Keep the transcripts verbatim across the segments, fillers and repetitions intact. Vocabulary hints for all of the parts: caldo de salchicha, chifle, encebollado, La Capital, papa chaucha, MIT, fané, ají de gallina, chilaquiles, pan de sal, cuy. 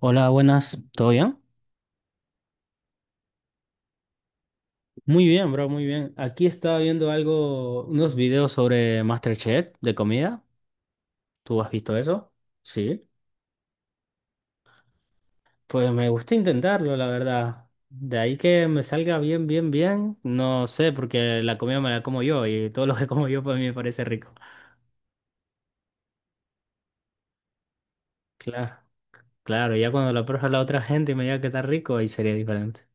Hola, buenas, ¿todo bien? Muy bien, bro, muy bien. Aquí estaba viendo algo, unos videos sobre MasterChef de comida. ¿Tú has visto eso? Sí. Pues me gusta intentarlo, la verdad. De ahí que me salga bien, bien, bien. No sé, porque la comida me la como yo y todo lo que como yo para mí me parece rico. Claro, claro, ya cuando lo prueba la otra gente y me diga que está rico, ahí sería diferente.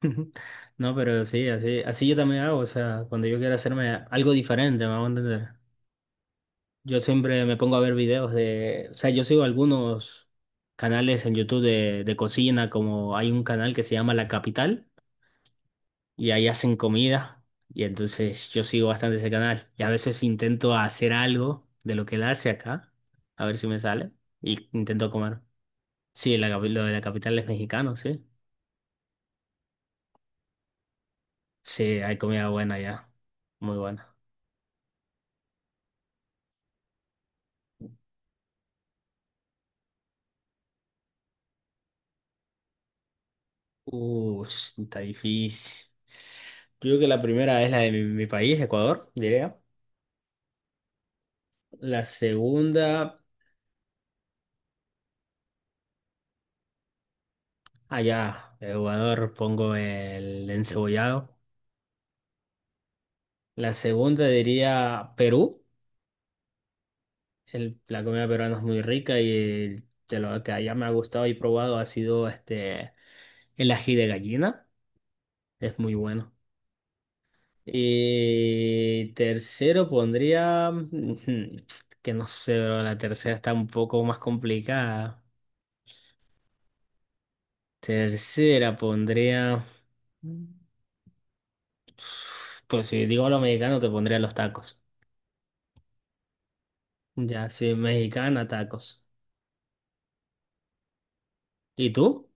No, pero sí, así, así yo también hago, o sea, cuando yo quiero hacerme algo diferente, me hago entender. Yo siempre me pongo a ver videos de, o sea, yo sigo algunos canales en YouTube de, de cocina, como hay un canal que se llama La Capital y ahí hacen comida y entonces yo sigo bastante ese canal y a veces intento hacer algo de lo que él hace acá, a ver si me sale y intento comer. Sí, la, capi- lo de La Capital es mexicano, sí. Sí, hay comida buena ya, muy buena. Uh, está difícil. Yo creo que la primera es la de mi mi país, Ecuador, diría. La segunda, allá, Ecuador, pongo el encebollado. La segunda diría Perú. El- la comida peruana es muy rica y el- de lo que allá me ha gustado y probado ha sido este, el ají de gallina. Es muy bueno. Y tercero pondría, ujú, que no sé, bro, la tercera está un poco más complicada. Tercera pondría, pues si digo lo mexicano, te pondría los tacos. Ya, sí, mexicana, tacos. ¿Y tú?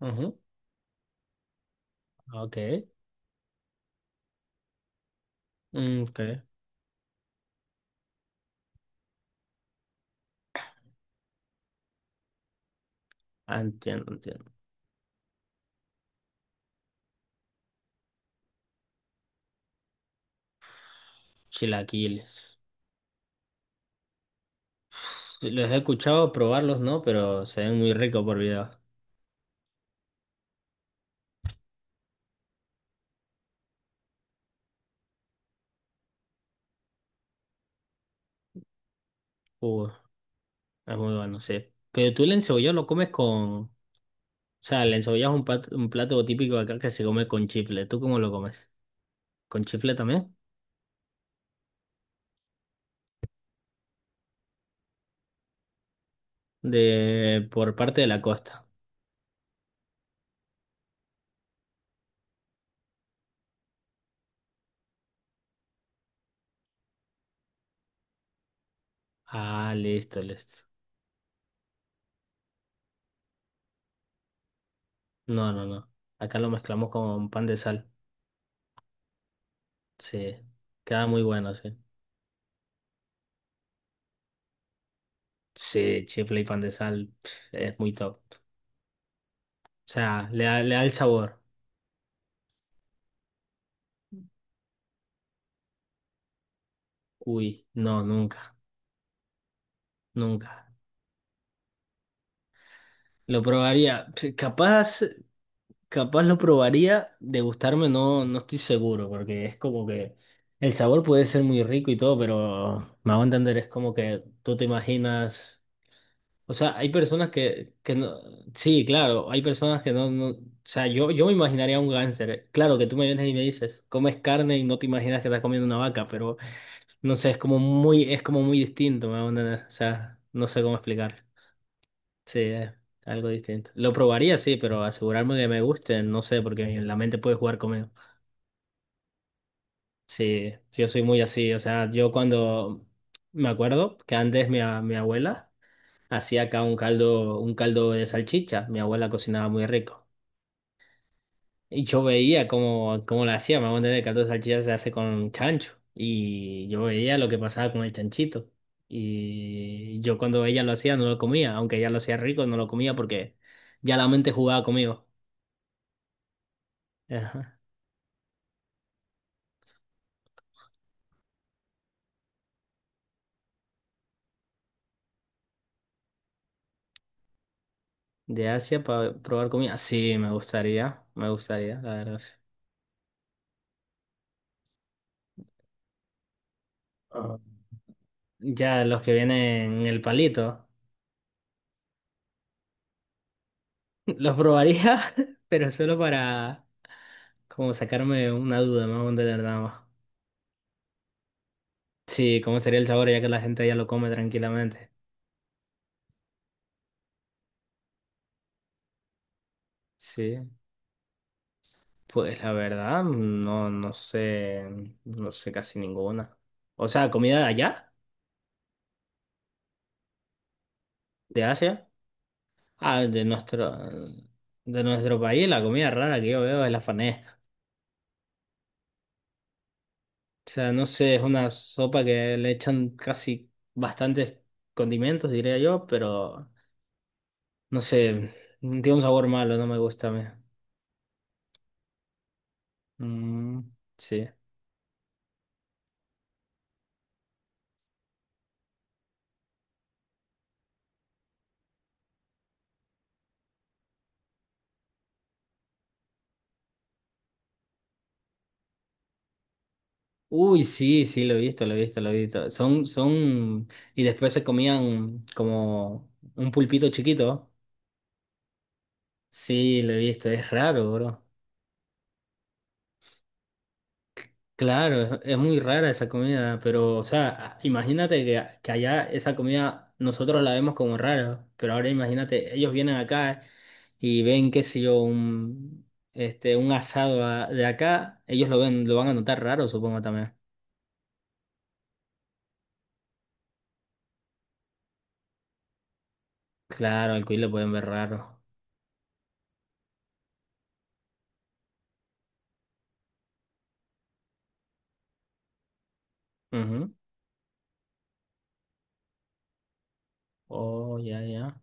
Ajá. Ok. Mm, ok. Ah, entiendo, entiendo. Chilaquiles. Sí, los he escuchado probarlos, ¿no? Pero se ven muy ricos por video. Uh, es muy bueno, sí. Pero tú el encebollado lo comes con... O sea, el encebollado es un pat- un plato típico de acá que se come con chifle. ¿Tú cómo lo comes? ¿Con chifle también? De... Por parte de la costa. Ah, listo, listo. No, no, no. Acá lo mezclamos con pan de sal. Sí. Queda muy bueno, sí. Sí, chifle y pan de sal pf, es muy top. O sea, le da, le da el sabor. Uy, no, nunca, nunca. Lo probaría. Pf, capaz, capaz lo probaría. De gustarme no, no estoy seguro, porque es como que el sabor puede ser muy rico y todo, pero me hago entender, es como que tú te imaginas. O sea, hay personas que, que no. Sí, claro, hay personas que no, no. O sea, yo, yo me imaginaría un gánster. Claro que tú me vienes y me dices, comes carne y no te imaginas que estás comiendo una vaca, pero. No sé, es como muy, es como muy distinto, me onda, o sea, no sé cómo explicar. Sí, es algo distinto. Lo probaría, sí, pero asegurarme que me guste, no sé, porque la mente puede jugar conmigo. Sí, yo soy muy así, o sea, yo cuando me acuerdo que antes mi, a- mi abuela hacía acá un caldo, un caldo de salchicha, mi abuela cocinaba muy rico. Y yo veía cómo, cómo la hacía, me voy a entender, el caldo de salchicha se hace con chancho. Y yo veía lo que pasaba con el chanchito. Y yo cuando ella lo hacía no lo comía, aunque ella lo hacía rico, no lo comía porque ya la mente jugaba conmigo. Ajá. De Asia para probar comida. Sí, me gustaría, me gustaría, la verdad. Sí. Ah, ya los que vienen en el palito, los probaría, pero solo para como sacarme una duda, me voy a entender nada más. Sí, cómo sería el sabor ya que la gente ya lo come tranquilamente. Sí, pues la verdad, no, no sé, no sé casi ninguna. O sea, comida de allá, de Asia, ah, de nuestro, de nuestro país, la comida rara que yo veo es la fané. O sea, no sé, es una sopa que le echan casi bastantes condimentos, diría yo, pero no sé, tiene un sabor malo, no me gusta a mí. Mm, sí. Uy, sí, sí, lo he visto, lo he visto, lo he visto. Son, son, y después se comían como un pulpito chiquito. Sí, lo he visto, es raro, bro. Claro, es, es muy rara esa comida, pero, o sea, a- imagínate que, que allá esa comida nosotros la vemos como rara, pero ahora imagínate, ellos vienen acá y ven, qué sé yo, un, este, un asado a- de acá, ellos lo ven, lo van a notar raro, supongo también. Claro, al cuy le pueden ver raro. Ujú. Oh, ya, ya.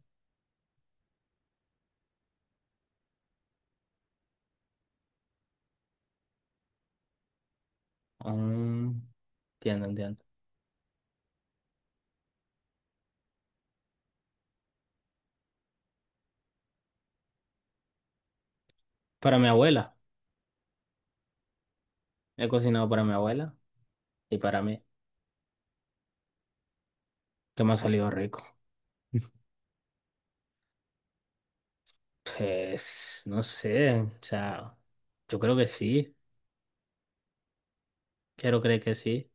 Mm, entiendo, entiendo. Para mi abuela. He cocinado para mi abuela y para mí, que me ha salido rico. Pues, no sé, o sea, yo creo que sí, quiero creer que sí.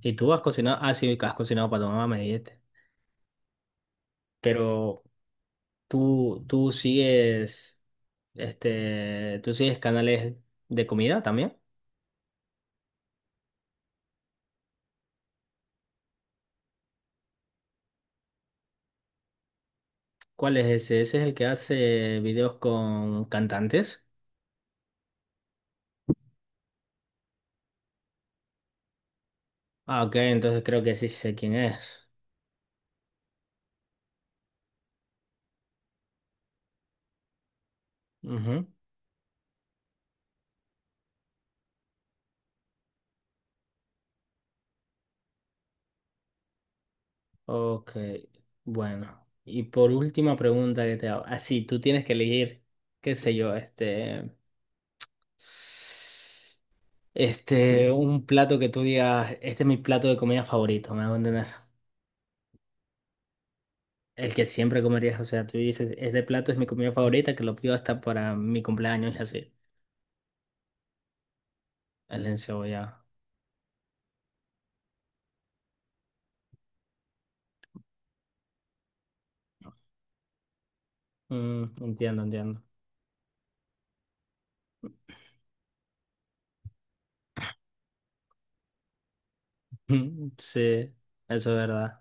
¿Y tú has cocinado? Ah, sí, que has cocinado para tu mamá, me dijiste. Pero tú, tú sigues, este, tú sigues canales de comida también. ¿Cuál es ese? Ese es el que hace videos con cantantes. Ah, ok, entonces creo que sí sé quién es. Ujú. Ok, bueno. Y por última pregunta que te hago. Así, tú tienes que elegir, qué sé yo, este... Este, un plato que tú digas, este es mi plato de comida favorito, me hago entender. El que siempre comerías, o sea, tú dices, este plato es mi comida favorita, que lo pido hasta para mi cumpleaños y así. El encebollado. Mm, entiendo, entiendo. Mm, sí, eso es verdad.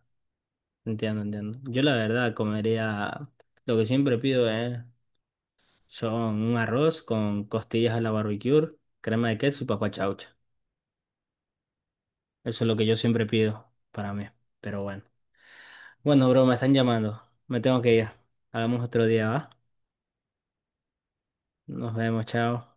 Entiendo, entiendo. Yo la verdad comería, lo que siempre pido es son un arroz con costillas a la barbecue, crema de queso y papa chaucha. Eso es lo que yo siempre pido para mí. Pero bueno. Bueno, bro, me están llamando. Me tengo que ir. Hagamos otro día, ¿va? Nos vemos, chao.